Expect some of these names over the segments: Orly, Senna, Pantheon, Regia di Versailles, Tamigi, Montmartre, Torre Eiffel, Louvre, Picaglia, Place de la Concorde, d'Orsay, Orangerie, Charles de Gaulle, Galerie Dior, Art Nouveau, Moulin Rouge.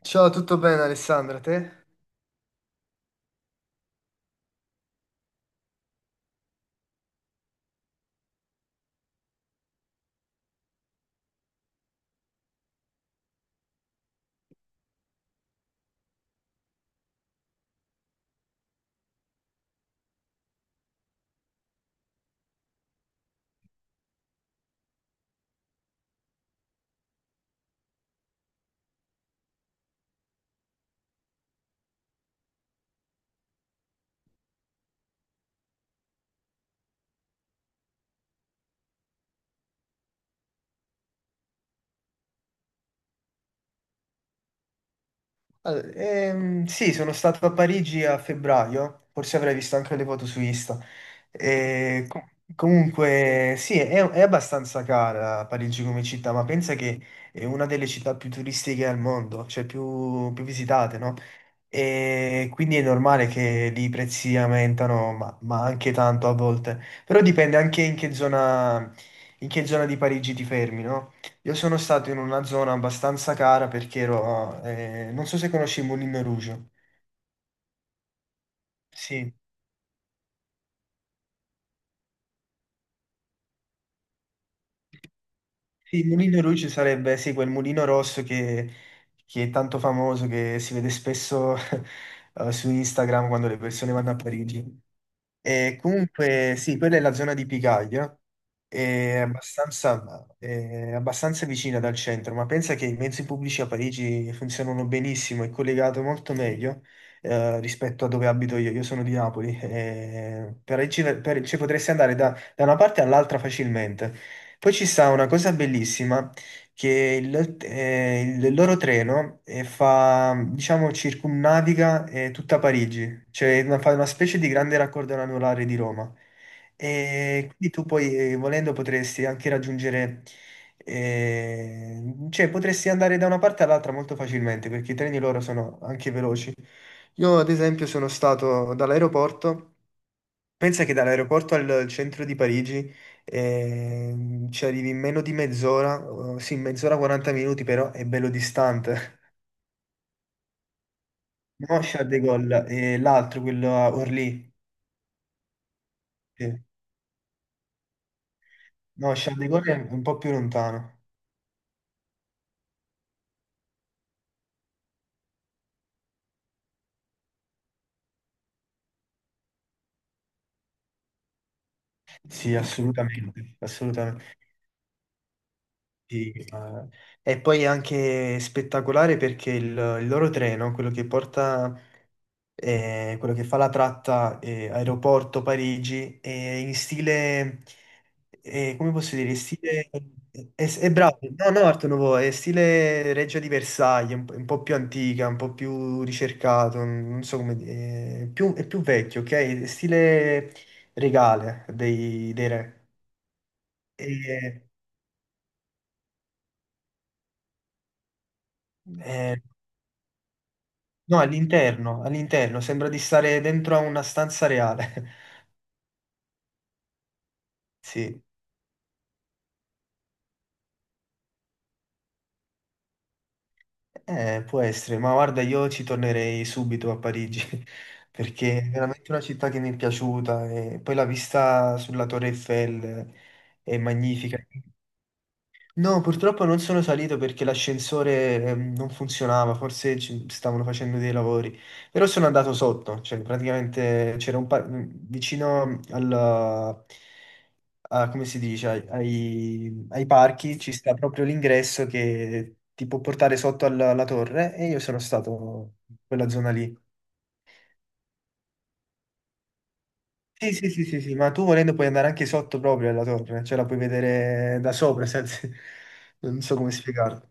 Ciao, tutto bene Alessandra, te? Allora, sì, sono stato a Parigi a febbraio, forse avrai visto anche le foto su Insta. E co- Comunque, sì, è abbastanza cara Parigi come città, ma pensa che è una delle città più turistiche al mondo, cioè più visitate, no? E quindi è normale che lì i prezzi aumentano, ma anche tanto a volte. Però dipende anche in che zona di Parigi ti fermi, no? Io sono stato in una zona abbastanza cara perché ero... non so se conosci Moulin Rouge. Sì. Sì, il Mulino Rouge sarebbe sì, quel mulino rosso che è tanto famoso, che si vede spesso su Instagram quando le persone vanno a Parigi. E comunque sì, quella è la zona di Picaglia, è abbastanza vicina dal centro, ma pensa che i mezzi pubblici a Parigi funzionano benissimo, è collegato molto meglio rispetto a dove abito io. Io sono di Napoli, e ci potresti andare da una parte all'altra facilmente. Poi ci sta una cosa bellissima, che il loro treno fa, diciamo, circumnaviga tutta Parigi, cioè fa una specie di grande raccordo anulare di Roma. E quindi tu poi, volendo, potresti anche raggiungere, eh, cioè potresti andare da una parte all'altra molto facilmente, perché i treni loro sono anche veloci. Io, ad esempio, sono stato dall'aeroporto. Pensa che dall'aeroporto al centro di Parigi ci arrivi in meno di mezz'ora, sì, mezz'ora 40 minuti, però è bello distante. No, Charles de Gaulle, e l'altro, quello a Orly. Sì. No, Charles de Gaulle è un po' più lontano. Sì, assolutamente, assolutamente. Sì, e poi è anche spettacolare perché il loro treno, quello che porta quello che fa la tratta aeroporto Parigi, in stile, come posso dire, in stile... È, è bravo, no, no, Art Nouveau, è stile Regia di Versailles, un po' più antica, un po' più ricercato, non so come dire, è più vecchio, ok? È stile regale dei, dei re. E- eh, no, all'interno, all'interno, sembra di stare dentro a una stanza reale. Sì. Può essere, ma guarda, io ci tornerei subito a Parigi perché è veramente una città che mi è piaciuta e poi la vista sulla Torre Eiffel è magnifica. No, purtroppo non sono salito perché l'ascensore non funzionava, forse ci stavano facendo dei lavori, però sono andato sotto, cioè praticamente c'era un vicino al, come si dice, ai parchi ci sta proprio l'ingresso che ti può portare sotto alla torre e io sono stato in quella zona lì. Sì, sì, sì, sì, sì, ma tu volendo puoi andare anche sotto proprio alla torre, cioè la puoi vedere da sopra, senza... non so come spiegarlo.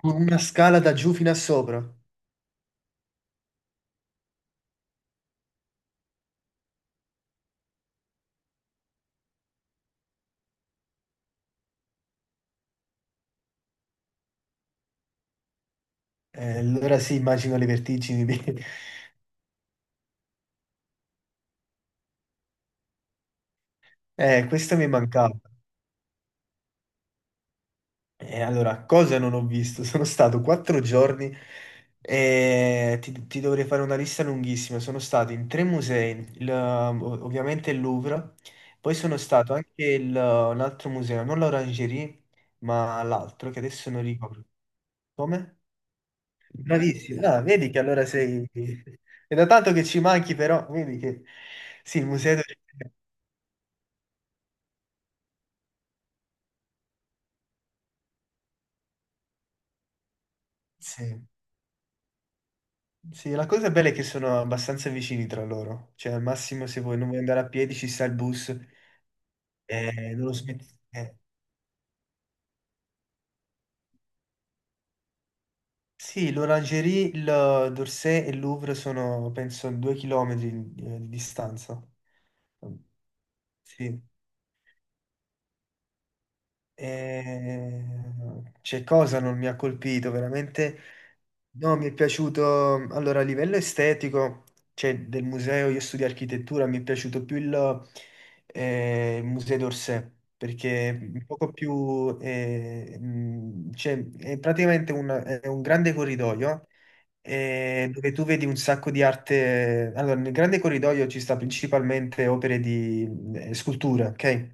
Con una scala da giù fino a sopra. Allora sì, immagino le vertigini. Questo mi mancava. E allora, cosa non ho visto? Sono stato 4 giorni ti dovrei fare una lista lunghissima. Sono stato in 3 musei, ovviamente il Louvre, poi sono stato anche un altro museo, non l'Orangerie, ma l'altro che adesso non ricordo. Come? Bravissimo. Ah, vedi che allora sei... È da tanto che ci manchi, però vedi che... Sì, sì. Sì, la cosa bella è che sono abbastanza vicini tra loro. Cioè, al massimo, se vuoi non vuoi andare a piedi, ci sta il bus. Non lo smetti. Eh. Sì, l'Orangerie, il d'Orsay e il Louvre sono, penso, 2 chilometri di distanza. Sì. E... C'è cosa non mi ha colpito, veramente. No, mi è piaciuto, allora a livello estetico, cioè del museo, io studio architettura, mi è piaciuto più il museo d'Orsay, perché è un poco più, cioè, è praticamente è un grande corridoio dove tu vedi un sacco di arte. Allora, nel grande corridoio ci sta principalmente opere di scultura, ok?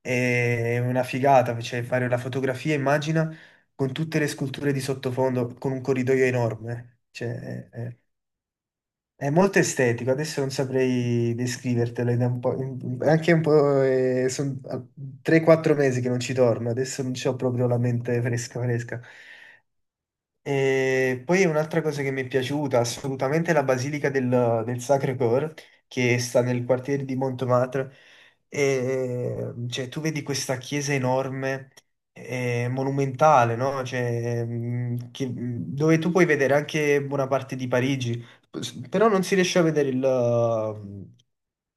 È una figata, cioè fare la fotografia, immagina, con tutte le sculture di sottofondo, con un corridoio enorme. Eh. Cioè, è, è- è molto estetico, adesso non saprei descrivertelo, ed è un po', anche un po', sono 3-4 mesi che non ci torno, adesso non c'ho proprio la mente fresca fresca. E poi un'altra cosa che mi è piaciuta assolutamente è la Basilica del Sacré-Cœur, che sta nel quartiere di Montmartre. E, cioè, tu vedi questa chiesa enorme, monumentale, no? Cioè, dove tu puoi vedere anche buona parte di Parigi, però non si riesce a vedere il,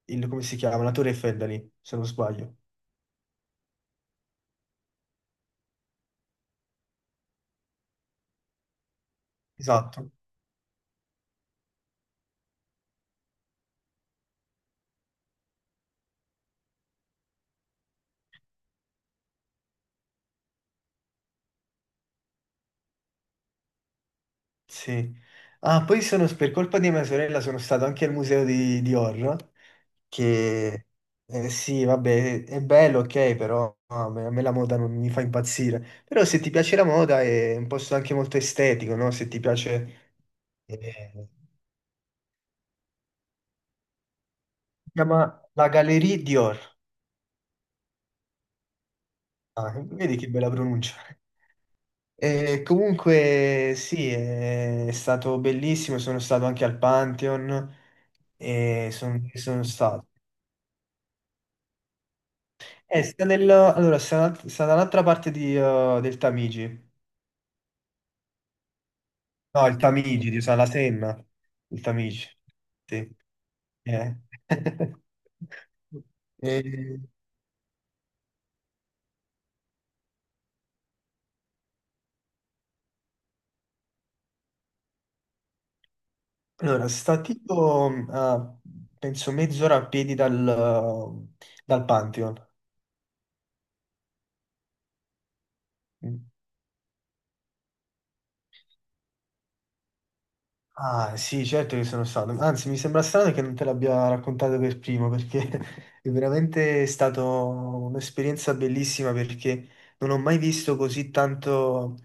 il- come si chiama, la Torre Eiffel da lì, se non sbaglio. Esatto, sì. Ah, poi sono, per colpa di mia sorella sono stato anche al museo di Dior. Che sì, vabbè, è bello, ok, però a me la moda non mi fa impazzire. Però se ti piace la moda è un posto anche molto estetico, no? Se ti piace... eh, si chiama la Galerie Dior. Ah, vedi che bella pronuncia. Comunque sì, è stato bellissimo, sono stato anche al Pantheon e sono stato. Allora, sta dall'altra parte del Tamigi. No, il Tamigi di Usana Senna. Il Tamigi. Sì. Eh. E- allora, sta tipo a, penso mezz'ora a piedi dal, dal Pantheon. Ah, sì, certo che sono stato. Anzi, mi sembra strano che non te l'abbia raccontato per primo, perché è veramente stata un'esperienza bellissima perché non ho mai visto così tanto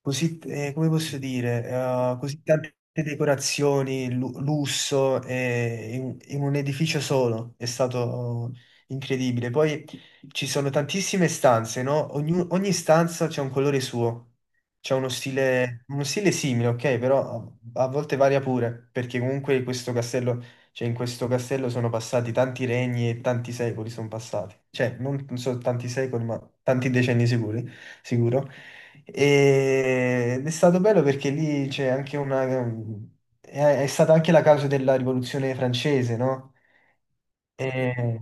così, come posso dire, così tante decorazioni, lusso, in un edificio solo, è stato incredibile. Poi ci sono tantissime stanze, no? Ogni stanza c'è un colore suo, c'è uno stile simile, ok? Però a volte varia pure, perché comunque questo castello, cioè in questo castello sono passati tanti regni e tanti secoli sono passati. Cioè, non so tanti secoli, ma tanti decenni sicuri, sicuro. Ed è stato bello perché lì c'è anche una... È, è stata anche la causa della rivoluzione francese, no? E-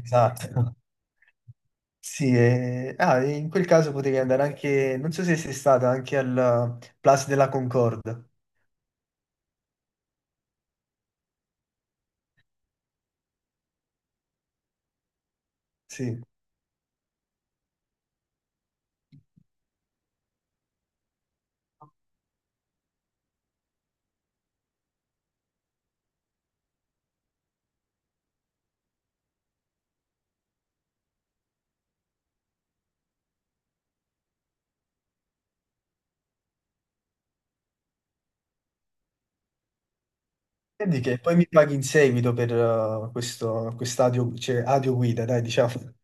Esatto. Sì, e in quel caso potevi andare anche... Non so se sei stata anche al Place de la Concorde. Sì. E di che poi mi paghi in seguito per questo quest'adio, cioè, adio guida, dai, diciamo.